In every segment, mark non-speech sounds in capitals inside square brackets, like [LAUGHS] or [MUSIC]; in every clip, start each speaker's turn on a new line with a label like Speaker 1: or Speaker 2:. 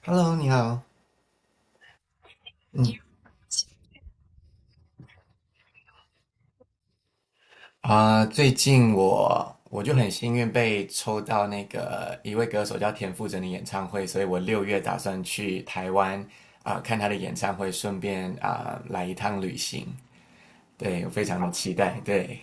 Speaker 1: Hello，你好。嗯最近我就很幸运被抽到那个一位歌手叫田馥甄的演唱会，所以我6月打算去台湾看他的演唱会，顺便来一趟旅行。对，我非常的期待。对，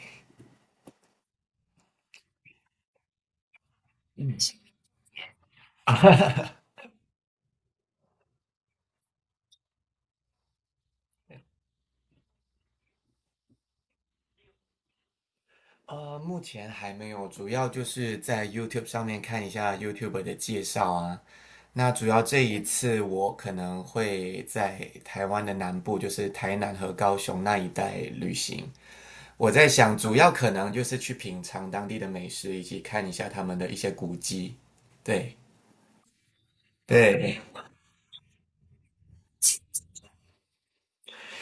Speaker 1: 目前还没有，主要就是在 YouTube 上面看一下 YouTuber 的介绍啊。那主要这一次我可能会在台湾的南部，就是台南和高雄那一带旅行。我在想，主要可能就是去品尝当地的美食，以及看一下他们的一些古迹。对对，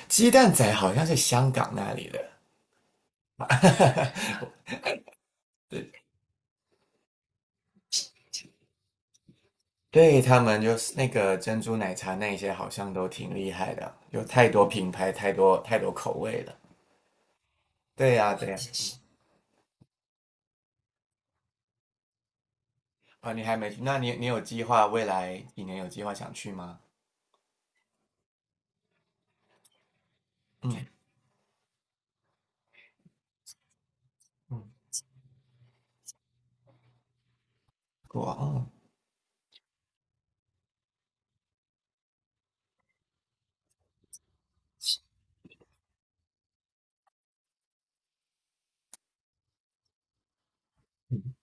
Speaker 1: 鸡蛋仔好像是香港那里的。对，他们就是那个珍珠奶茶那些，好像都挺厉害的，有太多品牌，太多太多口味了。对呀、对呀、啊，你还没去？那你有计划未来几年有计划想去吗？嗯嗯，我嗯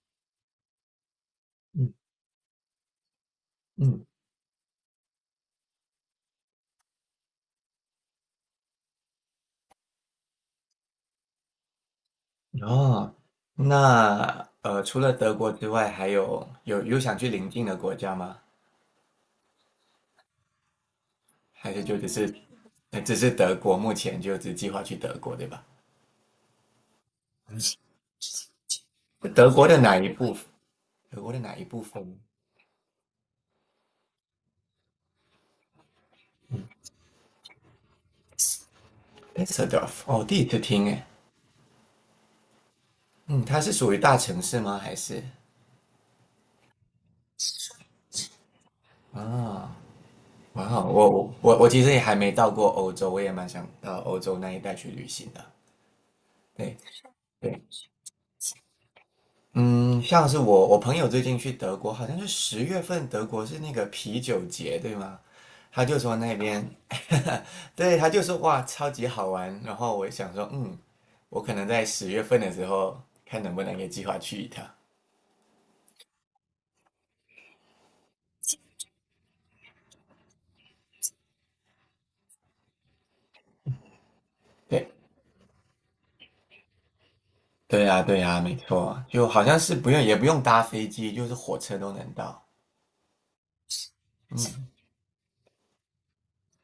Speaker 1: 嗯嗯嗯。哦，那除了德国之外，还有想去邻近的国家吗？还是就只是德国，目前就只计划去德国，对吧？德国的哪一部分？德国的哪一部分？Düsseldorf。哦，第一次听诶。嗯，它是属于大城市吗？还是啊？哇哦，我其实也还没到过欧洲，我也蛮想到欧洲那一带去旅行的。对对，嗯，像是我朋友最近去德国，好像是十月份，德国是那个啤酒节，对吗？他就说那边，[LAUGHS] 对，他就说哇，超级好玩。然后我想说，我可能在十月份的时候，看能不能给计划去一趟。对，对呀，对呀，没错，就好像是不用也不用搭飞机，就是火车都能到。嗯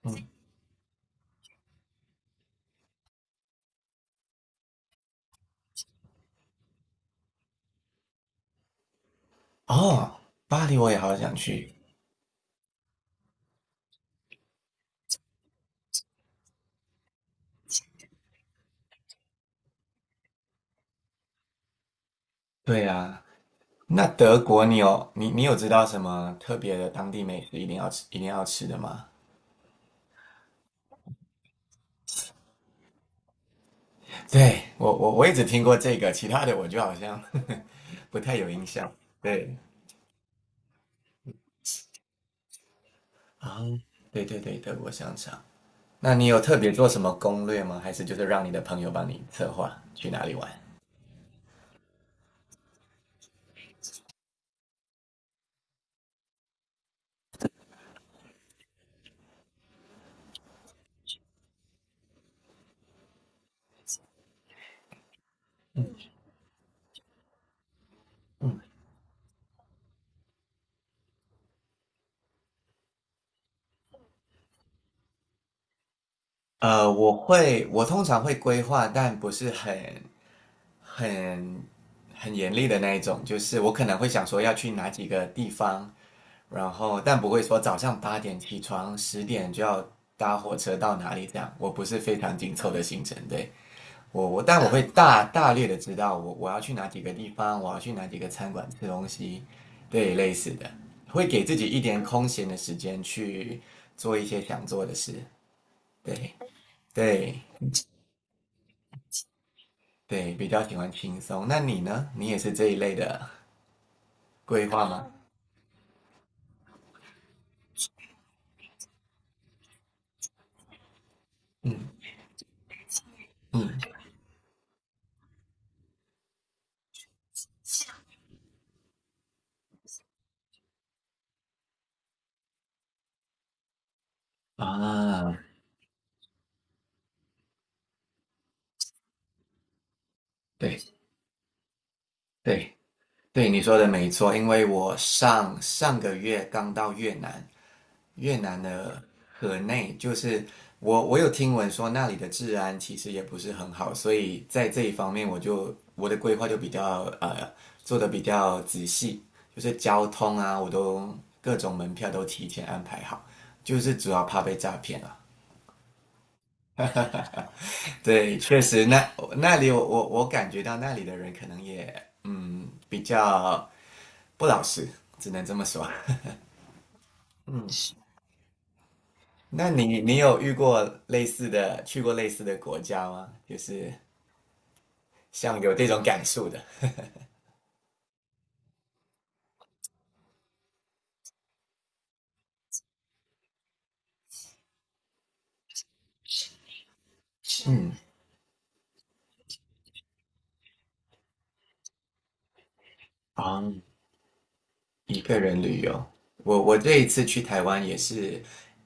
Speaker 1: 嗯。哦，巴黎我也好想去。对呀，那德国你有你你有知道什么特别的当地美食一定要吃一定要吃的吗？对，我也只听过这个，其他的我就好像 [LAUGHS] 不太有印象。对啊，对对对，德国香肠。那你有特别做什么攻略吗？还是就是让你的朋友帮你策划去哪里玩？我通常会规划，但不是很很严厉的那一种，就是我可能会想说要去哪几个地方，然后但不会说早上8点起床，10点就要搭火车到哪里这样。我不是非常紧凑的行程。对。但我会 [LAUGHS] 大略的知道我要去哪几个地方，我要去哪几个餐馆吃东西，对，类似的，会给自己一点空闲的时间去做一些想做的事，对对对，比较喜欢轻松。那你呢？你也是这一类的。规划吗？嗯嗯啊，对对对，你说的没错，因为我上上个月刚到越南，越南的河内，就是我有听闻说那里的治安其实也不是很好，所以在这一方面我的规划就比较做的比较仔细，就是交通啊，各种门票都提前安排好，就是主要怕被诈骗啊。对，确实，那那里我感觉到那里的人可能也比较不老实，只能这么说。嗯，是。那你有遇过类似的，去过类似的国家吗？就是像有这种感受的。是。嗯。啊，一个人旅游，我这一次去台湾也是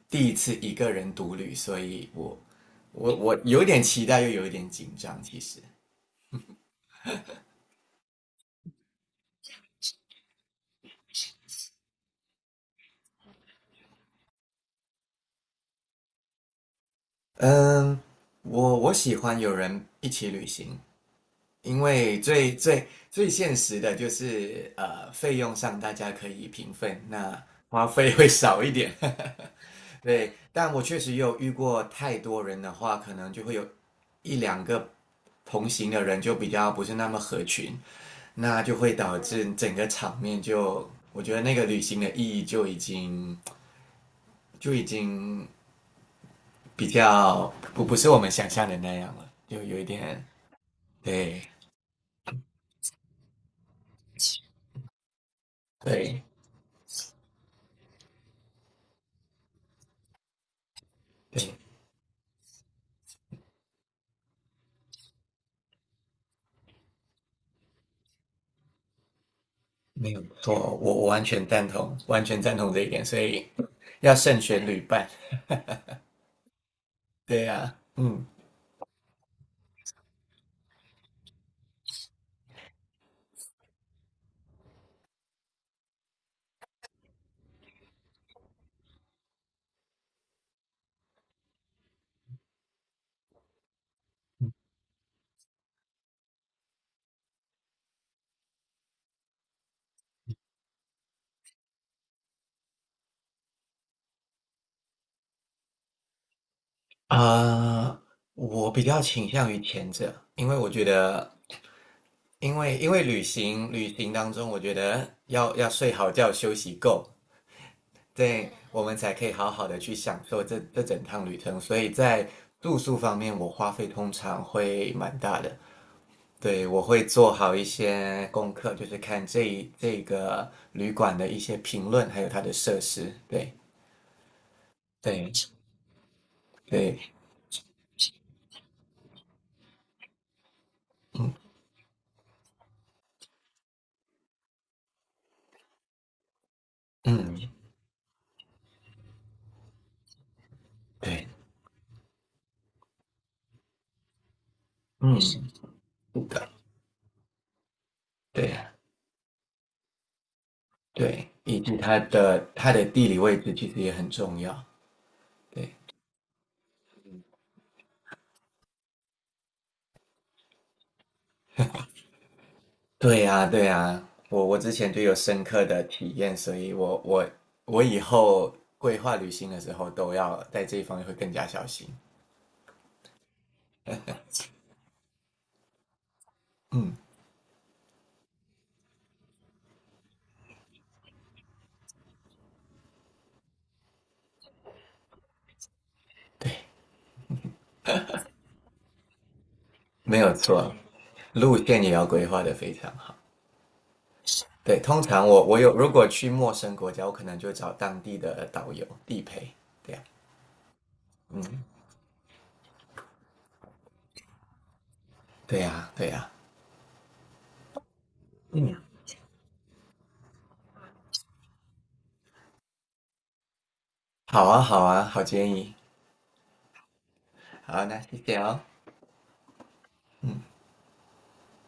Speaker 1: 第一次一个人独旅，所以我有点期待，又有一点紧张。其实，嗯，我喜欢有人一起旅行，因为最现实的就是费用上大家可以平分，那花费会少一点。[LAUGHS] 对，但我确实有遇过太多人的话，可能就会有一两个同行的人就比较不是那么合群，那就会导致整个场面就，我觉得那个旅行的意义就已经就已经比较不是我们想象的那样了，就有一点对对对。没有错，我完全赞同，完全赞同这一点，所以要慎选旅伴。对呀。嗯啊，呃我比较倾向于前者，因为我觉得，因为旅行当中，我觉得要睡好觉，休息够，对，我们才可以好好的去享受这整趟旅程。所以在住宿方面，我花费通常会蛮大的。对，我会做好一些功课，就是看这个旅馆的一些评论，还有它的设施。对，对，对，嗯，对，嗯，是的，对，对，以及它的地理位置其实也很重要。对，对呀，对呀，我之前就有深刻的体验，所以我以后规划旅行的时候都要在这一方面会更加小心。嗯，没有错，路线也要规划的非常好。对，通常我我有如果去陌生国家，我可能就找当地的导游地陪，对呀，嗯，对呀，对呀，嗯，好啊，好啊，好建议，好，那谢谢哦。